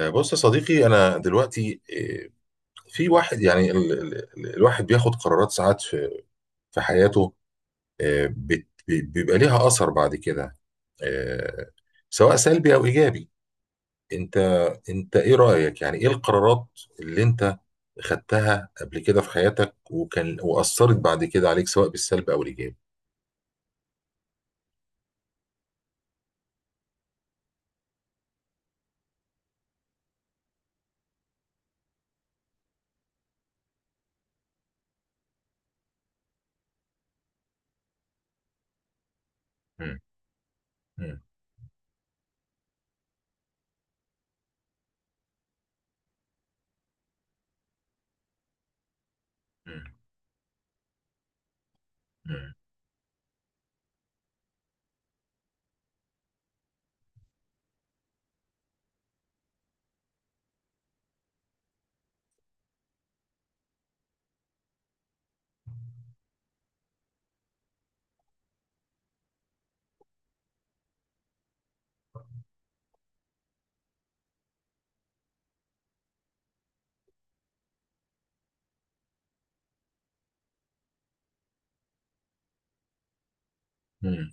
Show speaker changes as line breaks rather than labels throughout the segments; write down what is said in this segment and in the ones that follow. بص يا صديقي، انا دلوقتي في واحد. يعني ال ال ال الواحد بياخد قرارات ساعات في حياته. بيبقى ليها اثر بعد كده، آه، سواء سلبي او ايجابي. انت انت ايه رايك؟ يعني ايه القرارات اللي انت خدتها قبل كده في حياتك واثرت بعد كده عليك سواء بالسلب او الايجاب؟ مم. مم. مم. مم.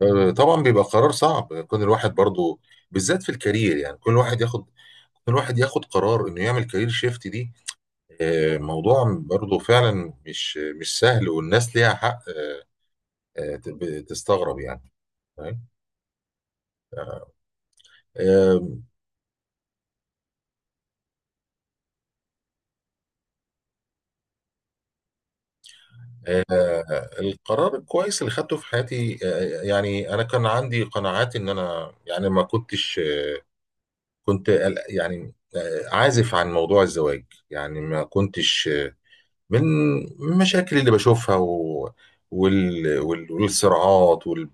مم. طبعا بيبقى قرار صعب، كون الواحد برضو بالذات في الكارير. يعني كل واحد ياخد الواحد ياخد قرار انه يعمل كارير شيفت دي. موضوع برضه فعلا مش سهل، والناس ليها حق. تستغرب يعني. فاهم؟ آه، القرار الكويس اللي خدته في حياتي، يعني انا كان عندي قناعات ان انا. يعني ما كنتش كنت قلق- يعني آه، عازف عن موضوع الزواج. يعني ما كنتش آه، من المشاكل اللي بشوفها والصراعات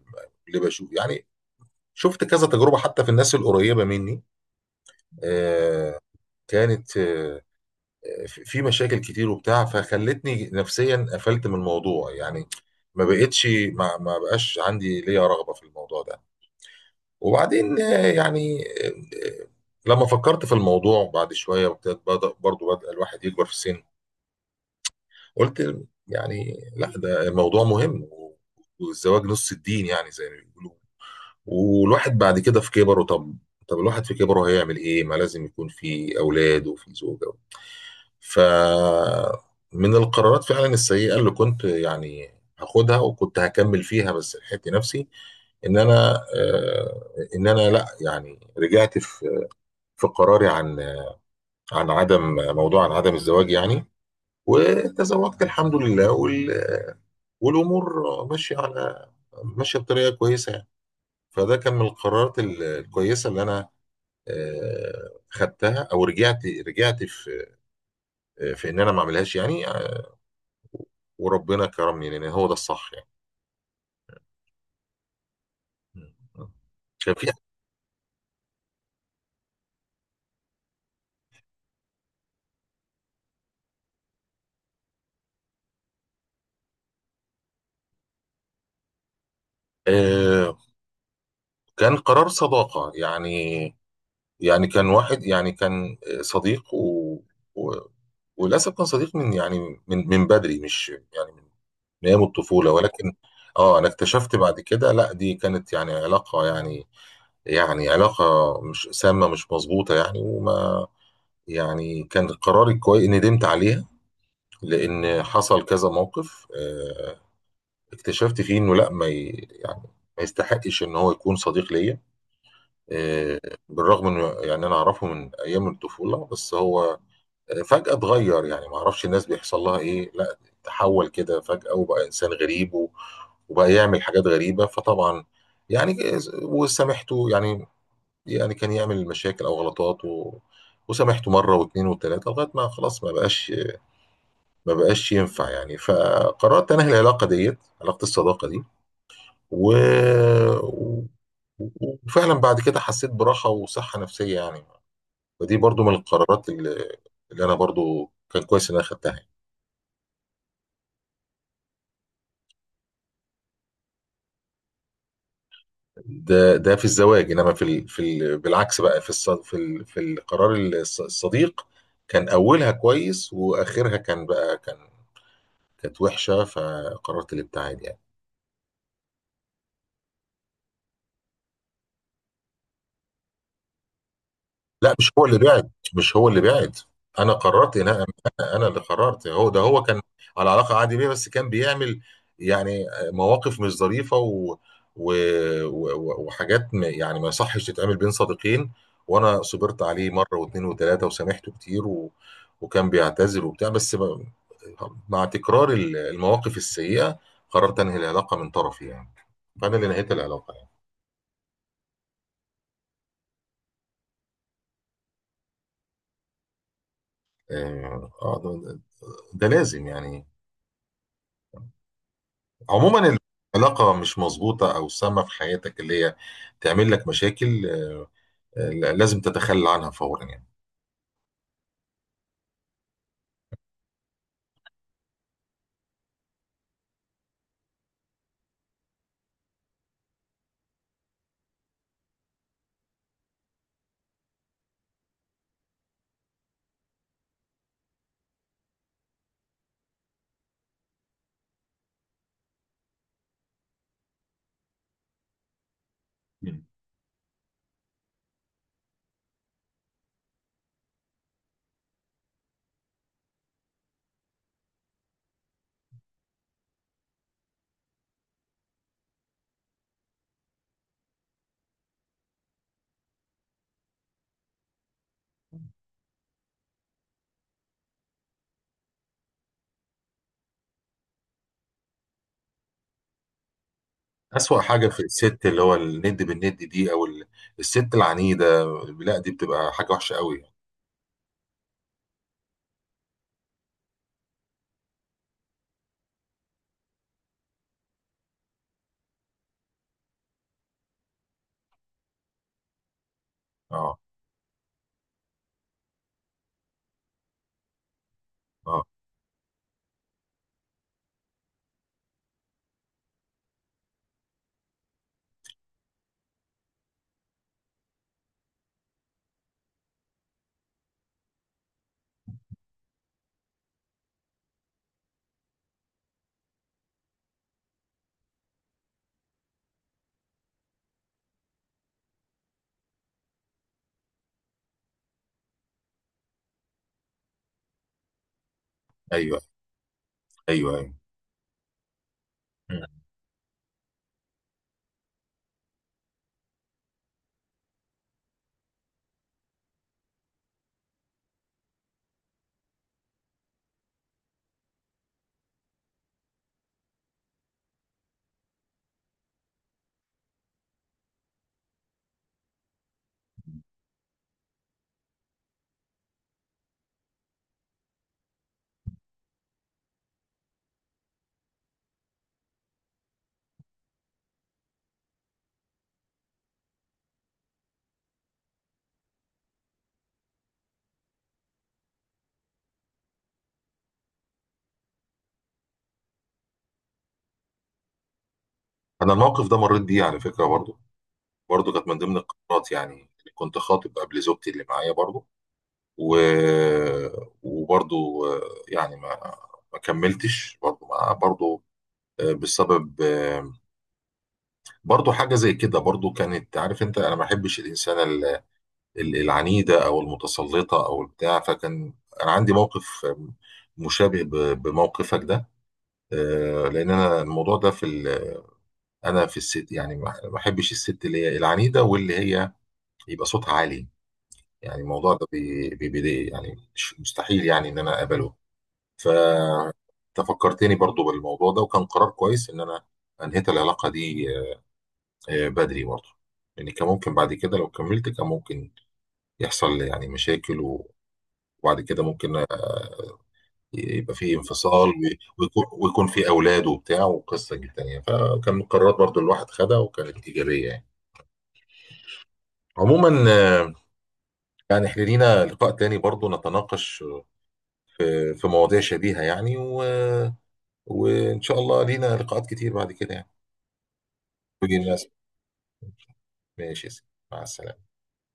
اللي بشوف، يعني شفت كذا تجربة حتى في الناس القريبة مني. آه، كانت في مشاكل كتير وبتاع، فخلتني نفسيا قفلت من الموضوع يعني. ما بقتش ما ما بقاش عندي ليا رغبة في الموضوع ده. وبعدين آه، لما فكرت في الموضوع بعد شوية وابتدت بدأ برضو بدأ الواحد يكبر في السن. قلت يعني لا، ده الموضوع مهم، والزواج نص الدين، يعني زي ما بيقولوا. والواحد بعد كده في كبره، طب الواحد في كبره هيعمل ايه؟ ما لازم يكون في اولاد وفي زوجه. ف من القرارات فعلا السيئه اللي كنت، يعني، هاخدها وكنت هكمل فيها، بس لحقت نفسي ان انا ان انا، لا يعني، رجعت في قراري عن عن عدم موضوع عن عدم الزواج يعني. وتزوجت الحمد لله، والامور ماشيه بطريقه كويسه يعني. فده كان من القرارات الكويسه اللي انا خدتها، او رجعت في ان انا ما اعملهاش يعني. وربنا كرمني لان هو ده الصح يعني. مم. كان في آه، كان قرار صداقة يعني. يعني كان واحد، يعني كان صديق و... وللأسف كان صديق من، يعني، من بدري، مش يعني، من أيام الطفولة. ولكن اه، أنا اكتشفت بعد كده لا، دي كانت يعني علاقة، يعني، علاقة مش سامة مش مظبوطة يعني. يعني كان قراري كويس، ندمت عليها. لان حصل كذا موقف، اكتشفت فيه انه لا، ما ي... يعني ما يستحقش ان هو يكون صديق ليا. آه، بالرغم انه، يعني، انا اعرفه من ايام الطفوله. بس هو فجاه اتغير. يعني ما اعرفش الناس بيحصل لها ايه. لا، تحول كده فجاه وبقى انسان غريب وبقى يعمل حاجات غريبه. فطبعا، يعني، وسامحته يعني. يعني كان يعمل مشاكل او غلطات وسامحته مره واثنين وثلاثه لغايه ما خلاص ما بقاش ينفع يعني. فقررت انهي العلاقه ديت، علاقه الصداقه دي و... و- وفعلا بعد كده حسيت براحه وصحه نفسيه يعني. فدي برضو من القرارات اللي انا برضو كان كويس ان انا خدتها يعني. ده في الزواج. انما بالعكس بقى، في القرار الصديق، كان اولها كويس، واخرها كان بقى كان كانت وحشه. فقررت الابتعاد يعني. لا، مش هو اللي بعد، مش هو اللي بعد. انا قررت ان انا، انا اللي قررت. هو ده، هو كان على علاقه عادي بيه، بس كان بيعمل يعني مواقف مش ظريفه و... وحاجات، ما يعني، ما يصحش تتعمل بين صديقين. وانا صبرت عليه مره واثنين وثلاثه وسامحته كتير وكان بيعتذر وبتاع، مع تكرار المواقف السيئه قررت انهي العلاقه من طرفي يعني. فانا اللي نهيت العلاقه يعني. اه، ده لازم يعني. عموما، العلاقة مش مظبوطة أو سامة في حياتك اللي هي تعمل لك مشاكل، لازم تتخلى عنها فورا يعني. مم. أسوأ حاجة في الست اللي هو الند بالند دي، أو الست العنيدة، لا دي بتبقى حاجة وحشة قوي يعني. اه، اه، أيوه، أيوه، أيوه. مم. أنا الموقف ده مريت بيه على فكرة برضو. برضو كانت من ضمن القرارات يعني. كنت خاطب قبل زوجتي اللي معايا برضو و... وبرضو يعني ما ما كملتش برضو ما برضو بسبب برضو حاجة زي كده برضو. كانت عارف انت، انا ما بحبش الانسانة العنيدة او المتسلطة او البتاع. فكان انا عندي موقف مشابه بموقفك ده. لان انا الموضوع ده في انا في الست، يعني، ما بحبش الست اللي هي العنيدة واللي هي يبقى صوتها عالي. يعني الموضوع ده بيضايق يعني. مستحيل يعني ان انا اقبله. ف انت فكرتني برضو بالموضوع ده، وكان قرار كويس ان انا انهيت العلاقة دي بدري برضه. لان كان ممكن بعد كده لو كملت، كان ممكن يحصل لي يعني مشاكل وبعد كده ممكن يبقى فيه انفصال ويكون فيه اولاد وبتاع وقصه جدا يعني. فكان قرارات برضه الواحد خدها وكانت ايجابيه يعني. عموما يعني احنا لينا لقاء تاني برضه نتناقش في مواضيع شبيهه يعني وان شاء الله لينا لقاءات كتير بعد كده يعني. كل الناس، ماشي يا سيدي. مع السلامه.